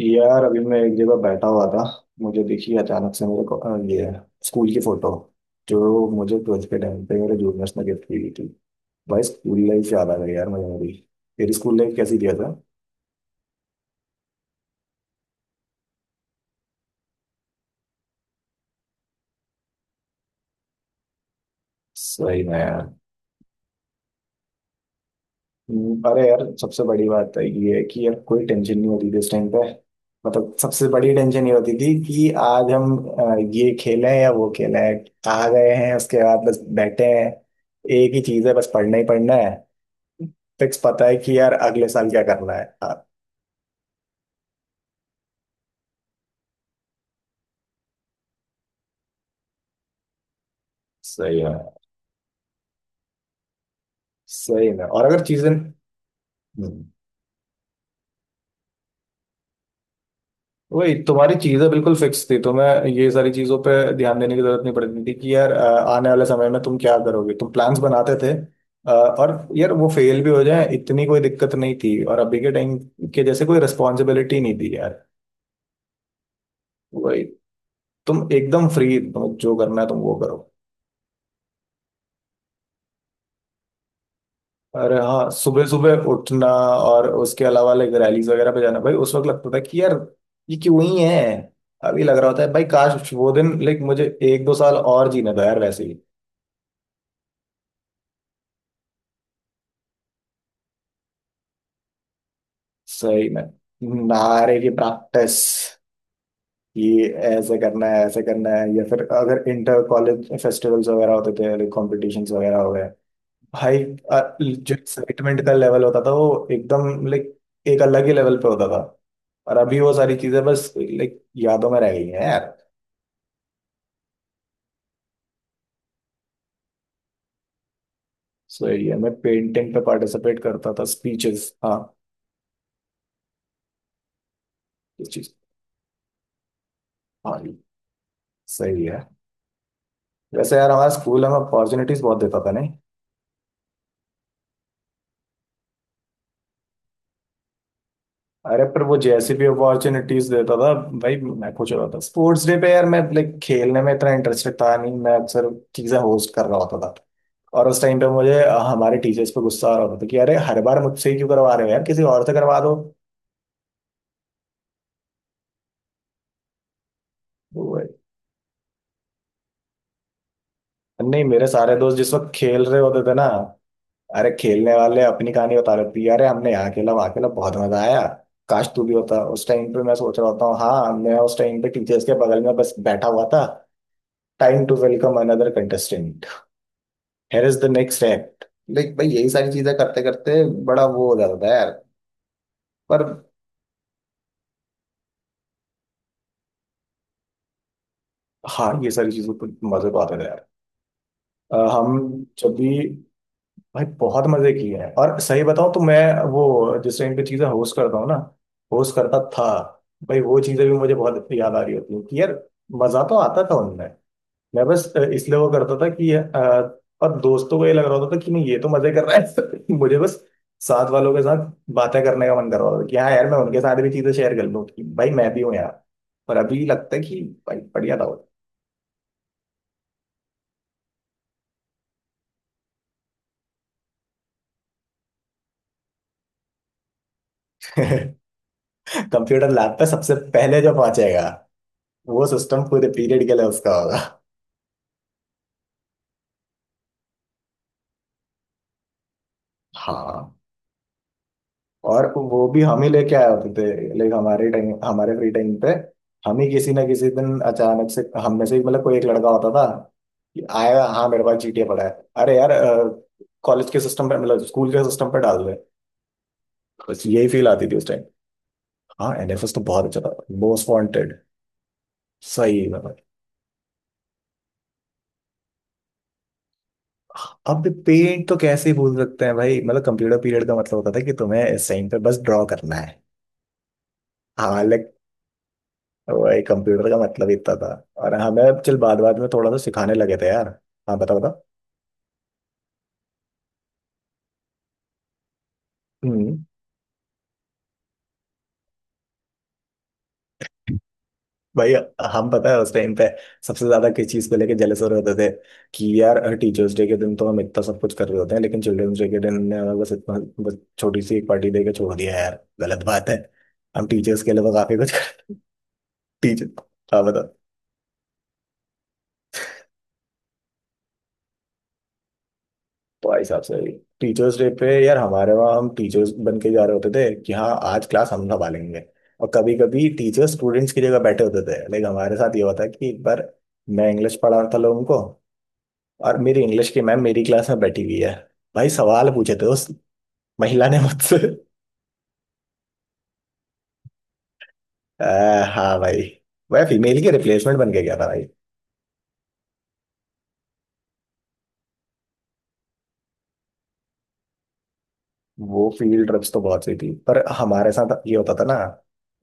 यार अभी मैं एक जगह बैठा हुआ था। मुझे दिखी अचानक से मेरे को ये स्कूल की फोटो जो मुझे ट्वेल्थ के टाइम पे मेरे जूनियर्स ने गिफ्ट की हुई थी। भाई स्कूल लाइफ याद आ गई यार मुझे मेरी। तेरी स्कूल लाइफ कैसी दिया था? सही में यार। अरे यार सबसे बड़ी बात है ये है कि यार कोई टेंशन नहीं होती थी इस टाइम पे। मतलब सबसे बड़ी टेंशन ये होती थी कि आज हम ये खेलें या वो खेलें। आ गए हैं उसके बाद बस बैठे हैं। एक ही चीज है, बस पढ़ना ही पढ़ना है। फिक्स पता है कि यार अगले साल क्या करना है। हाँ। सही है। सही में। और अगर चीजें हम्म, वही तुम्हारी चीजें बिल्कुल फिक्स थी तो मैं ये सारी चीजों पे ध्यान देने की जरूरत नहीं पड़ती थी कि यार आने वाले समय में तुम क्या करोगे, तुम प्लान्स बनाते थे। और यार वो फेल भी हो जाए इतनी कोई दिक्कत नहीं थी, और अभी के टाइम के जैसे कोई रिस्पॉन्सिबिलिटी नहीं थी यार। वही। तुम एकदम फ्री, तुम जो करना है तुम वो करो। अरे हाँ सुबह सुबह उठना और उसके अलावा लाइक रैलीज वगैरह पे जाना, भाई उस वक्त लगता था कि यार ये क्यों ही है। अभी लग रहा होता है भाई काश वो दिन लाइक मुझे एक दो साल और जीने दो यार वैसे ही। सही में। नारे की प्रैक्टिस। ये ऐसे करना है ऐसे करना है, या फिर अगर इंटर कॉलेज फेस्टिवल्स वगैरह होते थे, लाइक कॉम्पिटिशन्स वगैरह हो गए। भाई जो एक्साइटमेंट का लेवल होता था वो एकदम लाइक एक अलग ही लेवल पे होता था। और अभी वो सारी चीजें बस लाइक यादों में रह गई हैं यार। सही है, मैं पेंटिंग पे पार्टिसिपेट करता था, स्पीचेस। हाँ। इस चीज। हाँ जी। सही है। वैसे यार हमारा स्कूल हमें अपॉर्चुनिटीज बहुत देता था नहीं? अरे पर वो जैसी भी अपॉर्चुनिटीज देता था भाई। मैं खुश हो रहा था स्पोर्ट्स डे पे यार, मैं लाइक खेलने में इतना इंटरेस्टेड था नहीं, मैं अक्सर चीजें होस्ट कर रहा होता था। और उस टाइम पे मुझे हमारे टीचर्स पे गुस्सा आ रहा होता था कि अरे हर बार मुझसे ही क्यों करवा रहे हो यार, किसी और से करवा दो। वो- नहीं मेरे सारे दोस्त जिस वक्त खेल रहे होते थे ना। अरे खेलने वाले अपनी कहानी बता रहे थे, अरे हमने यहाँ खेला, वहाँ खेला, बहुत मजा आया, काश तू भी होता उस टाइम पे। मैं सोच रहा होता हूँ, हाँ मैं उस टाइम पे टीचर्स के बगल में बस बैठा हुआ था। Time to welcome another contestant. Here is the next act. Like भाई यही सारी चीजें करते करते बड़ा वो हो जाता था यार। पर हाँ, ये सारी चीजों पर मजे तो आते थे यार। हम जब भी, भाई बहुत मजे किए हैं। और सही बताऊं तो मैं वो जिस टाइम पे चीजें होस्ट करता हूँ ना, होस्ट करता था, भाई वो चीजें भी मुझे बहुत याद आ रही होती हैं कि यार मजा तो आता था उनमें। मैं बस इसलिए वो करता था कि और दोस्तों को ये लग रहा होता था कि नहीं ये तो मजे कर रहा है। मुझे बस साथ वालों के साथ बातें करने का मन कर रहा होता था कि हाँ यार मैं उनके साथ भी चीजें शेयर कर लूँ कि भाई मैं भी हूँ यार। पर अभी लगता है कि भाई बढ़िया था वो। कंप्यूटर लैब पे सबसे पहले जो पहुंचेगा, वो सिस्टम पूरे पीरियड के लिए उसका होगा। हाँ। और वो भी हम ही लेके आए होते थे, लाइक हमारे टाइम, हमारे फ्री टाइम पे। हम ही किसी ना किसी दिन अचानक से, हम में से ही मतलब कोई एक लड़का होता था कि आया, हाँ मेरे पास जीटीए पड़ा है। अरे यार कॉलेज के सिस्टम पे, मतलब स्कूल के सिस्टम पे डाल दे। बस यही फील आती थी उस टाइम। हाँ एनएफएस तो बहुत अच्छा था। Most wanted. सही है भाई। अब पेंट तो कैसे भूल सकते हैं भाई, मतलब कंप्यूटर पीरियड का मतलब होता था कि तुम्हें इस टाइम पे बस ड्रॉ करना है। हाँ like वही कंप्यूटर का मतलब इतना था। और हमें चल बाद बाद में थोड़ा सा सिखाने लगे थे यार। हाँ बता बता। हम्म। भाई हम, पता है उस टाइम पे सबसे ज्यादा किस चीज को लेके जेलस हो रहे होते थे? कि यार टीचर्स डे के दिन तो हम इतना सब कुछ कर रहे होते हैं लेकिन चिल्ड्रंस डे के दिन ने हमें बस इतना, बस छोटी सी एक पार्टी दे के छोड़ दिया यार, गलत बात है। हम टीचर्स के लिए तो काफी कुछ कर। टीचर। हाँ बता। भाई साहब सही। टीचर्स डे पे यार हमारे वहाँ हम टीचर्स बन के जा रहे होते थे कि हाँ आज क्लास हम संभालेंगे। और कभी कभी टीचर्स स्टूडेंट्स की जगह बैठे होते थे, लेकिन हमारे साथ ये होता कि एक बार मैं इंग्लिश पढ़ा रहा था लोगों को, और मेरी इंग्लिश की मैम मेरी क्लास में बैठी हुई है। भाई सवाल पूछे थे उस महिला ने मुझसे। आ, हाँ भाई, वह फीमेल के रिप्लेसमेंट बन के गया था भाई। वो फील्ड ट्रिप्स तो बहुत सही थी, पर हमारे साथ ये होता था ना,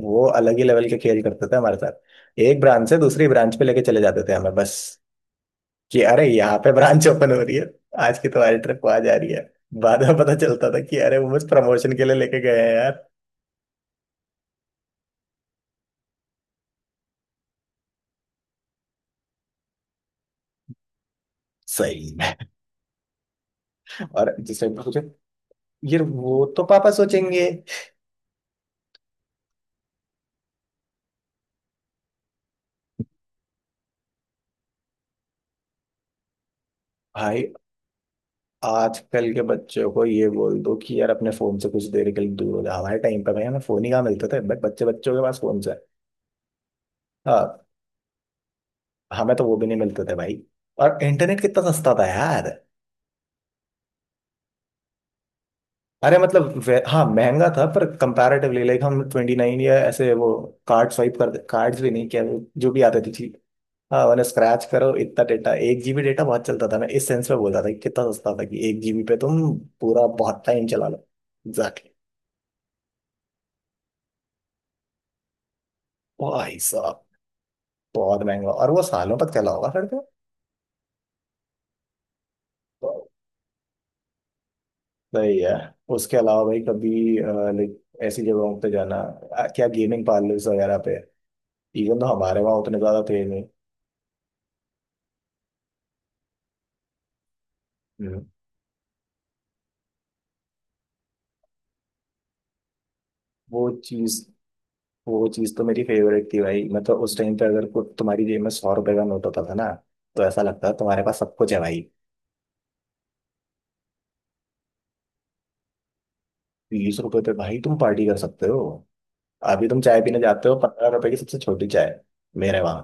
वो अलग ही लेवल के खेल करते थे हमारे साथ। एक ब्रांच से दूसरी ब्रांच पे लेके चले जाते थे हमें बस कि अरे यहाँ पे ब्रांच ओपन हो रही है, आज की तुम्हारी ट्रिप वहां जा रही है। बाद में पता चलता था कि अरे वो बस प्रमोशन के लिए लेके गए हैं यार। सही में। और जिस टाइम पे सोचे, यार वो तो पापा सोचेंगे। भाई आजकल के बच्चों को ये बोल दो कि यार अपने फोन से कुछ देर के लिए दूर हो जाओ, हमारे टाइम पे भाई हमें फोन ही कहाँ मिलते थे, बट बच्चे बच्चों के पास फोन से। हमें तो वो भी नहीं मिलते थे भाई। और इंटरनेट कितना सस्ता था यार। अरे मतलब हाँ महंगा था, पर कंपैरेटिवली लाइक हम 29 या ऐसे वो कार्ड स्वाइप कर, कार्ड्स भी नहीं किया, जो भी आते थे ठीक। हाँ मैंने स्क्रैच करो, इतना डेटा, 1 GB डेटा बहुत चलता था। मैं इस सेंस में बोल रहा था कि कितना सस्ता था कि 1 GB पे तुम पूरा बहुत टाइम चला लो। एग्जैक्टली। भाई साहब बहुत महंगा। और वो सालों तक चला होगा फिर तो। तो सही है। उसके अलावा भाई कभी लाइक ऐसी जगहों पे जाना, क्या गेमिंग पार्लर्स वगैरह पे, इवन तो हमारे वहाँ उतने ज्यादा थे नहीं। हम्म, वो चीज, वो चीज तो मेरी फेवरेट थी भाई। मतलब उस टाइम पे अगर कुछ तुम्हारी जेब में 100 रुपए का नोट होता था ना, तो ऐसा लगता था तुम्हारे पास सब कुछ है भाई। 20 रुपए पे भाई तुम पार्टी कर सकते हो। अभी तुम चाय पीने जाते हो 15 रुपए की सबसे छोटी चाय। मेरे वहां।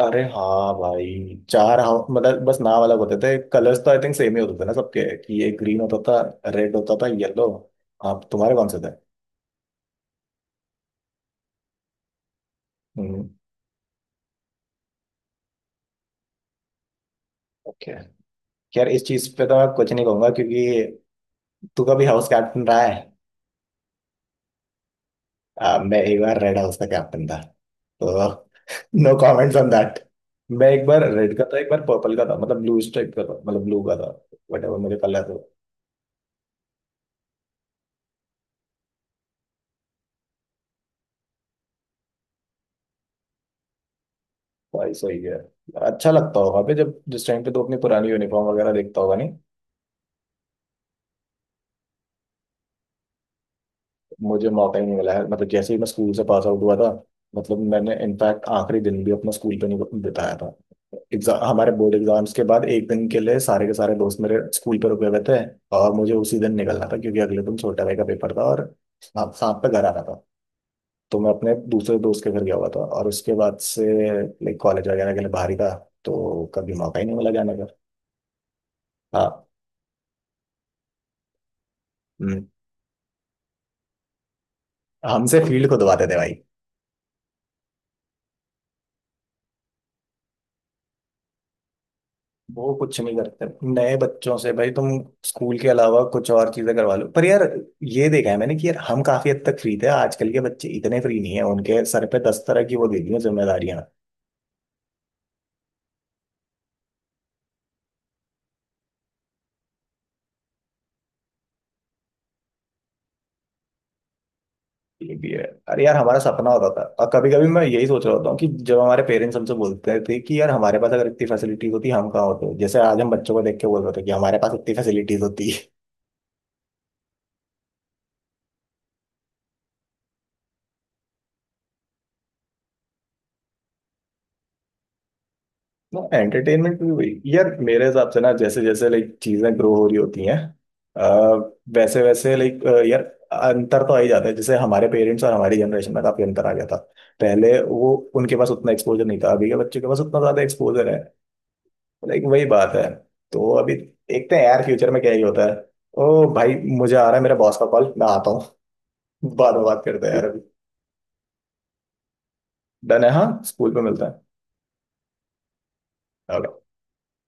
अरे हाँ भाई चार, हाँ मतलब बस नाम अलग होते थे, कलर्स तो आई थिंक सेम ही होते थे ना सबके, कि ये ग्रीन होता था, रेड होता था, येलो। आप, तुम्हारे कौन से थे? हम्म। ओके। यार इस चीज पे तो मैं कुछ नहीं कहूंगा क्योंकि, तू कभी हाउस कैप्टन रहा है? मैं एक बार रेड हाउस का कैप्टन था तो। No comments on that. मैं एक बार रेड का था, एक बार पर्पल का था, मतलब ब्लू स्ट्राइप का था, मतलब ब्लू का था। वट एवर मुझे कलर हो। भाई सही है। अच्छा लगता होगा अबे, जब जिस टाइम पे तो अपनी पुरानी यूनिफॉर्म वगैरह देखता होगा, नहीं? मुझे मौका ही नहीं मिला है। मतलब जैसे ही मैं स्कूल से पास आउट हुआ था, मतलब मैंने इनफैक्ट आखिरी दिन भी अपना स्कूल पे नहीं बिताया था। एग्जाम, हमारे बोर्ड एग्जाम्स के बाद एक दिन के लिए सारे के सारे दोस्त मेरे स्कूल पे रुके हुए थे। और मुझे उसी दिन निकलना था क्योंकि अगले दिन छोटा भाई का पेपर था, और साथ साथ पे घर आना था। तो मैं अपने दूसरे दोस्त के घर गया हुआ था, और उसके बाद से लाइक कॉलेज वगैरह के लिए बाहर ही था। तो कभी मौका ही नहीं मिला जाने का। हाँ। हम्म। हमसे फील्ड खुदवाते थे भाई। वो कुछ नहीं करते। नए बच्चों से भाई तुम स्कूल के अलावा कुछ और चीजें करवा लो। पर यार, ये देखा है मैंने कि यार हम काफी हद तक फ्री थे, आजकल के बच्चे इतने फ्री नहीं है, उनके सर पे 10 तरह की वो दे दी हैं जिम्मेदारियां। ये भी है। अरे यार हमारा सपना होता था, और कभी कभी मैं यही सोच रहा होता हूँ कि जब हमारे पेरेंट्स हमसे बोलते थे कि यार हमारे पास अगर इतनी फैसिलिटीज होती हम कहाँ होते, जैसे आज हम बच्चों को देख के बोल रहे थे कि हमारे पास इतनी फैसिलिटीज होती। ना एंटरटेनमेंट भी वही यार मेरे हिसाब से, ना जैसे जैसे लाइक चीजें ग्रो हो रही होती हैं, अ, वैसे वैसे लाइक यार अंतर तो आ ही जाता है। जैसे हमारे पेरेंट्स और हमारी जनरेशन में तो काफी अंतर आ गया था। पहले वो उनके पास उतना एक्सपोजर नहीं था, अभी के बच्चे के पास उतना ज्यादा एक्सपोजर है। लाइक वही बात है। तो अभी देखते हैं यार फ्यूचर में क्या ही होता है। ओ भाई मुझे आ रहा है मेरा बॉस का कॉल, मैं आता हूँ। बाद में बात करते हैं यार, अभी डन है। हाँ स्कूल पे मिलता है। Okay.